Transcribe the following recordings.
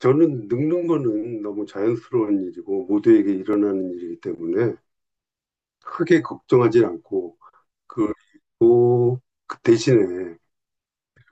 저는 늙는 거는 너무 자연스러운 일이고 모두에게 일어나는 일이기 때문에 크게 걱정하지 않고 그리고 그 대신에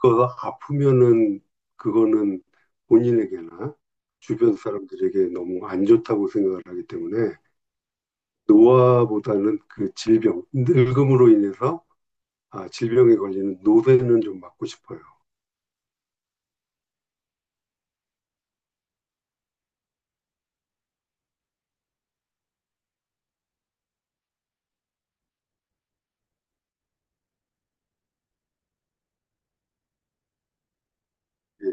그거 아프면은 그거는 본인에게나 주변 사람들에게 너무 안 좋다고 생각을 하기 때문에 노화보다는 그 질병, 늙음으로 인해서 질병에 걸리는 노쇠는 좀 막고 싶어요. 예,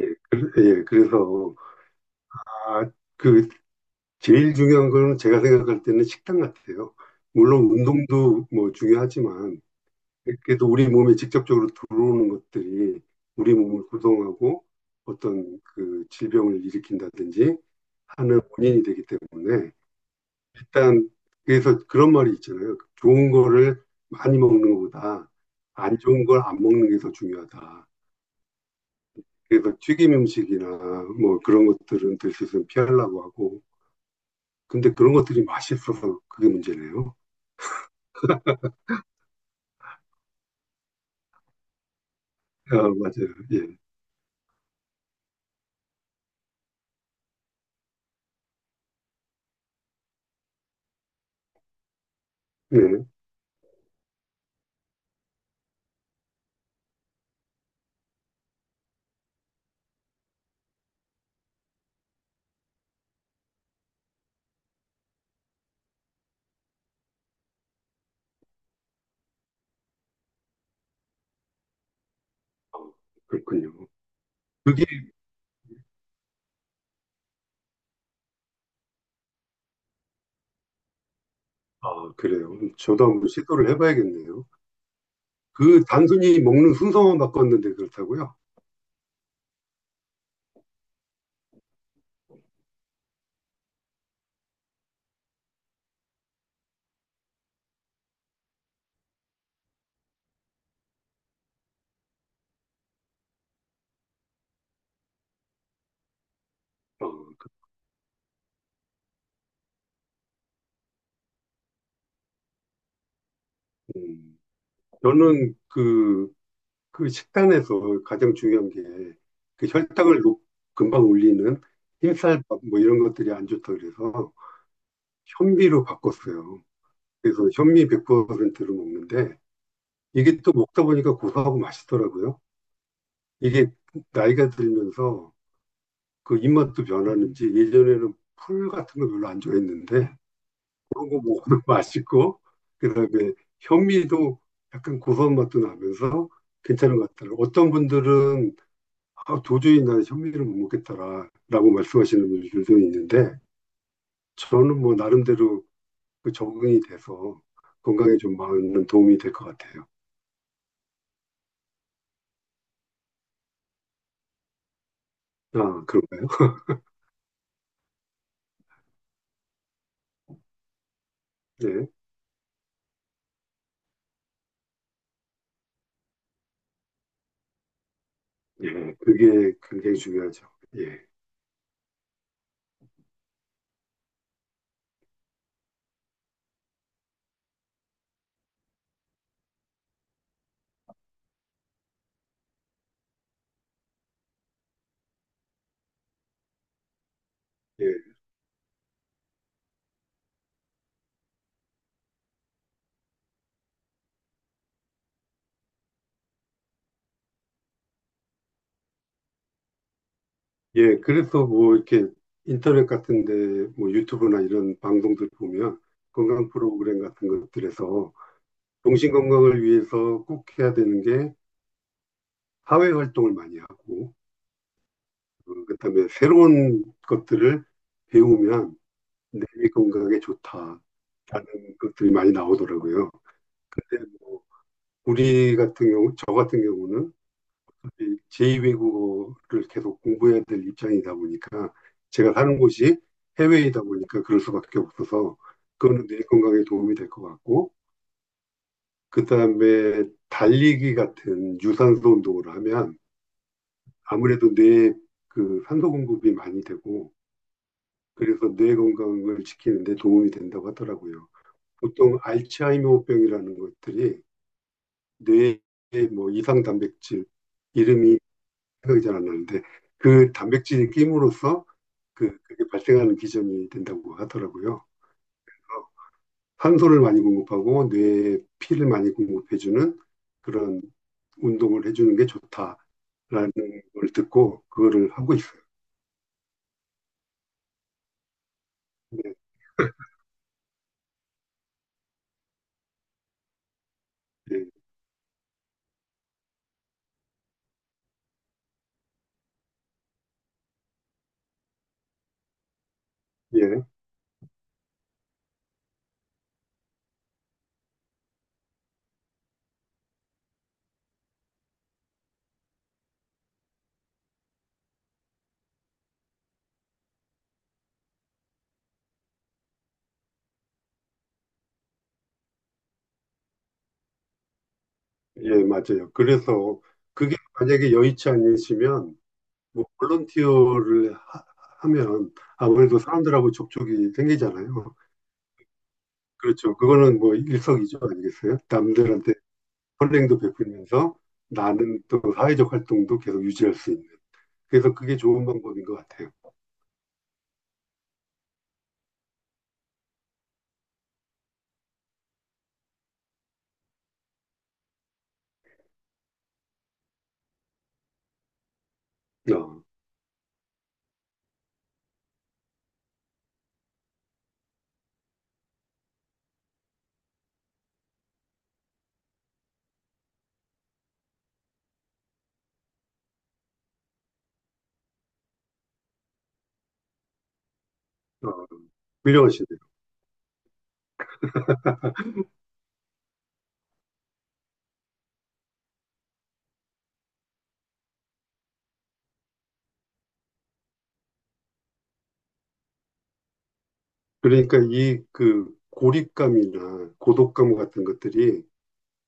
예, 그- 예, 그래서 아, 그 제일 중요한 거는 제가 생각할 때는 식단 같아요. 물론 운동도 뭐 중요하지만 그래도 우리 몸에 직접적으로 들어오는 것들이 우리 몸을 구성하고 어떤 그 질병을 일으킨다든지 하는 원인이 되기 때문에 일단 그래서 그런 말이 있잖아요. 좋은 거를 많이 먹는 것보다 안 좋은 걸 안 먹는 게 더 중요하다. 그래서 튀김 음식이나 뭐 그런 것들은 될 수 있으면 피하려고 하고 근데 그런 것들이 맛있어서 그게 문제네요. 아 맞아요. 예. 예. 아 그렇군요. 그게 아 그래요? 저도 한번 시도를 해 봐야겠네요. 그 단순히 먹는 순서만 바꿨는데 그렇다고요? 그 음. 저는 그 식단에서 가장 중요한 게 그 혈당을 높 금방 올리는 흰쌀밥 뭐 이런 것들이 안 좋다 그래서 현미로 바꿨어요. 그래서 현미 100%를 먹는데 이게 또 먹다 보니까 고소하고 맛있더라고요. 이게 나이가 들면서 그 입맛도 변하는지 예전에는 풀 같은 거 별로 안 좋아했는데 그런 거 먹으면 맛있고 그다음에 현미도 약간 고소한 맛도 나면서 괜찮은 것 같더라고요. 어떤 분들은 아, 도저히 난 현미를 못 먹겠다라고 말씀하시는 분들도 있는데 저는 뭐 나름대로 그 적응이 돼서 건강에 좀 많은 도움이 될 것 같아요. 아, 그런가요? 네. 예, 그게 굉장히 중요하죠. 예. 예. 예, 그래서 뭐 이렇게 인터넷 같은데 뭐 유튜브나 이런 방송들 보면 건강 프로그램 같은 것들에서 정신 건강을 위해서 꼭 해야 되는 게 사회 활동을 많이 하고 그다음에 새로운 것들을 배우면 뇌 건강에 좋다라는 것들이 많이 나오더라고요. 근데 뭐 우리 같은 경우, 저 같은 경우는 제2외국어를 계속 공부해야 될 입장이다 보니까 제가 사는 곳이 해외이다 보니까 그럴 수밖에 없어서 그거는 뇌 건강에 도움이 될 것 같고 그다음에 달리기 같은 유산소 운동을 하면 아무래도 뇌에 그 산소 공급이 많이 되고 그래서 뇌 건강을 지키는 데 도움이 된다고 하더라고요. 보통 알츠하이머병이라는 것들이 뇌에 뭐 이상 단백질 이름이 생각이 잘 안 나는데 그 단백질이 낌으로써 그게 발생하는 기전이 된다고 하더라고요. 어, 탄소를 많이 공급하고 뇌에 피를 많이 공급해주는 그런 운동을 해주는 게 좋다라는 걸 듣고 그거를 하고 있어요. 네, 예, 예, 예, 맞아요. 그래서 그게 만약에 여의치 않으시면 뭐 하면 아무래도 사람들하고 접촉이 생기잖아요. 그렇죠. 그거는 뭐 일석이조 아니겠어요? 남들한테 선행도 베풀면서 나는 또 사회적 활동도 계속 유지할 수 있는. 그래서 그게 좋은 방법인 것 같아요. 어, 어, 훌륭하시네요. 그러니까 이 그 고립감이나 고독감 같은 것들이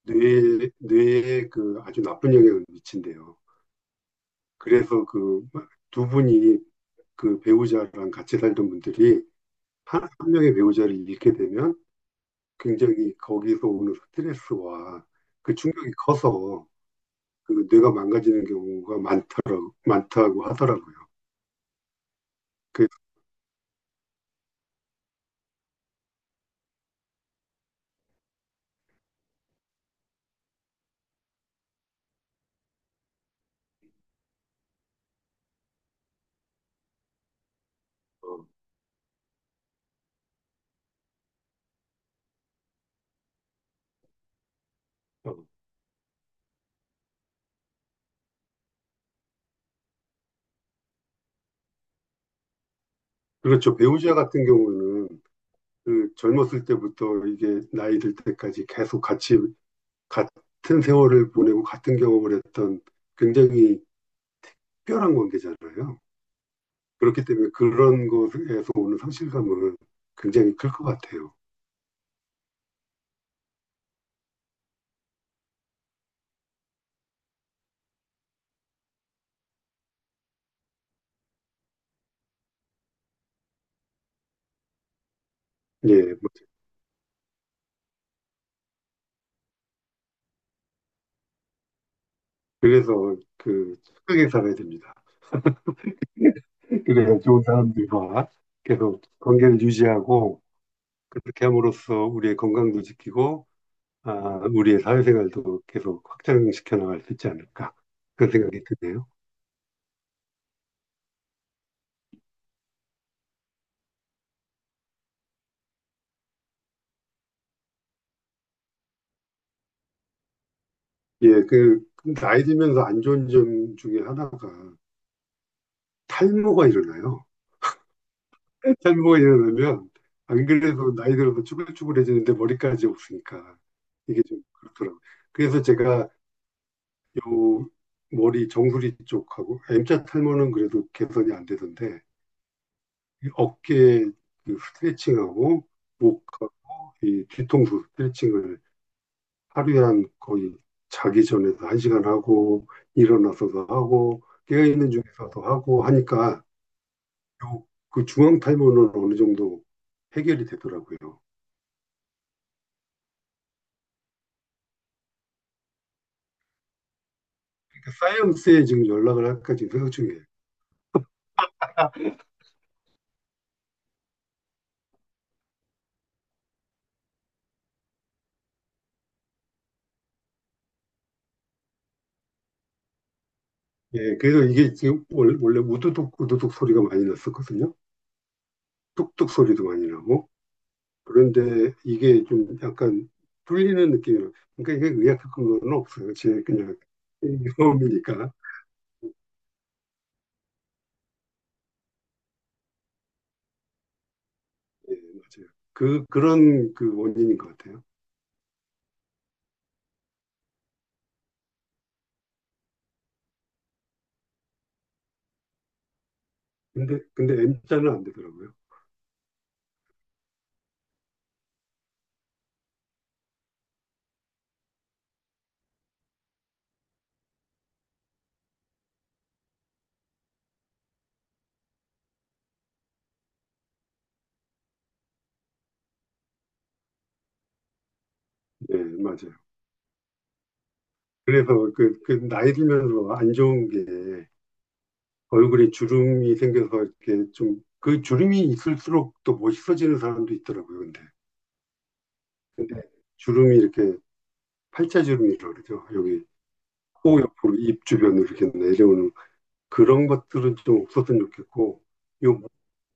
뇌에 그 아주 나쁜 영향을 미친대요. 그래서 그 두 분이 그 배우자랑 같이 살던 분들이 한 명의 배우자를 잃게 되면 굉장히 거기서 오는 스트레스와 그 충격이 커서 그 뇌가 망가지는 경우가 많다고 하더라고요. 그래서, 어, 그렇죠. 배우자 같은 경우는 그 젊었을 때부터 이게 나이 들 때까지 계속 같이, 같은 세월을 보내고 같은 경험을 했던 굉장히 특별한 관계잖아요. 그렇기 때문에 그런 것에서 오는 상실감은 굉장히 클 것 같아요. 예, 뭐, 그래서 그 착하게 살아야 됩니다. 그래서 좋은 사람들과 계속 관계를 유지하고 그렇게 함으로써 우리의 건강도 지키고, 아, 우리의 사회생활도 계속 확장시켜 나갈 수 있지 않을까. 그런 생각이 드네요. 예, 그 나이 들면서 안 좋은 점 중에 하나가 탈모가 일어나요. 탈모가 일어나면, 안 그래도 나이 들어서 쭈글쭈글해지는데 머리까지 없으니까 이게 좀 그렇더라고요. 그래서 제가 요 머리 정수리 쪽하고 M자 탈모는 그래도 개선이 안 되던데 어깨 그 스트레칭하고 목하고 이 뒤통수 스트레칭을 하루에 한 거의 자기 전에도 한 시간 하고 일어나서도 하고 깨어있는 중에서도 하고 하니까 그 중앙 탈모는 어느 정도 해결이 되더라고요. 그러니까 사이언스에 지금 연락을 할까 지금 생각 중이에요. 예, 그래서 이게 지금 원래 우두둑 우두둑 소리가 많이 났었거든요. 뚝뚝 소리도 많이 나고 그런데 이게 좀 약간 뚫리는 느낌이에요. 그러니까 이게 의학적인 건 없어요. 제 그냥 경험이니까. 예, 맞아요. 그런 그 원인인 것 같아요. 근데 M자는 안 되더라고요. 예, 맞아요. 그래서 그 나이 들면서 안 좋은 게 얼굴에 주름이 생겨서 이렇게 좀 그 주름이 있을수록 또 멋있어지는 사람도 있더라고요. 근데 주름이 이렇게 팔자 주름이라고 그러죠. 여기 코 옆으로 입 주변으로 이렇게 내려오는 그런 것들은 좀 없었으면 좋겠고, 요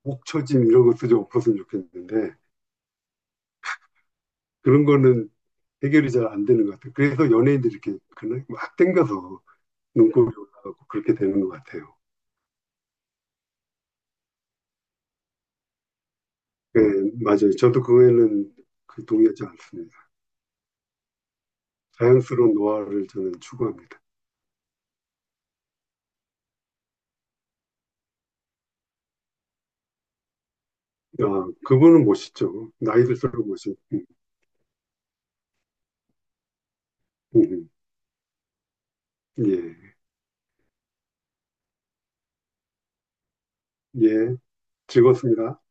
목처짐 이런 것도 좀 없었으면 좋겠는데, 그런 거는 해결이 잘 안 되는 것 같아요. 그래서 연예인들이 이렇게 그냥 막 땡겨서 눈곱이 올라가고 그렇게 되는 것 같아요. 네, 맞아요. 저도 그거에는 그 동의하지 않습니다. 자연스러운 노화를 저는 추구합니다. 아, 그분은 멋있죠. 나이 들수록 멋있. 네 예, 예, 즐겁습니다.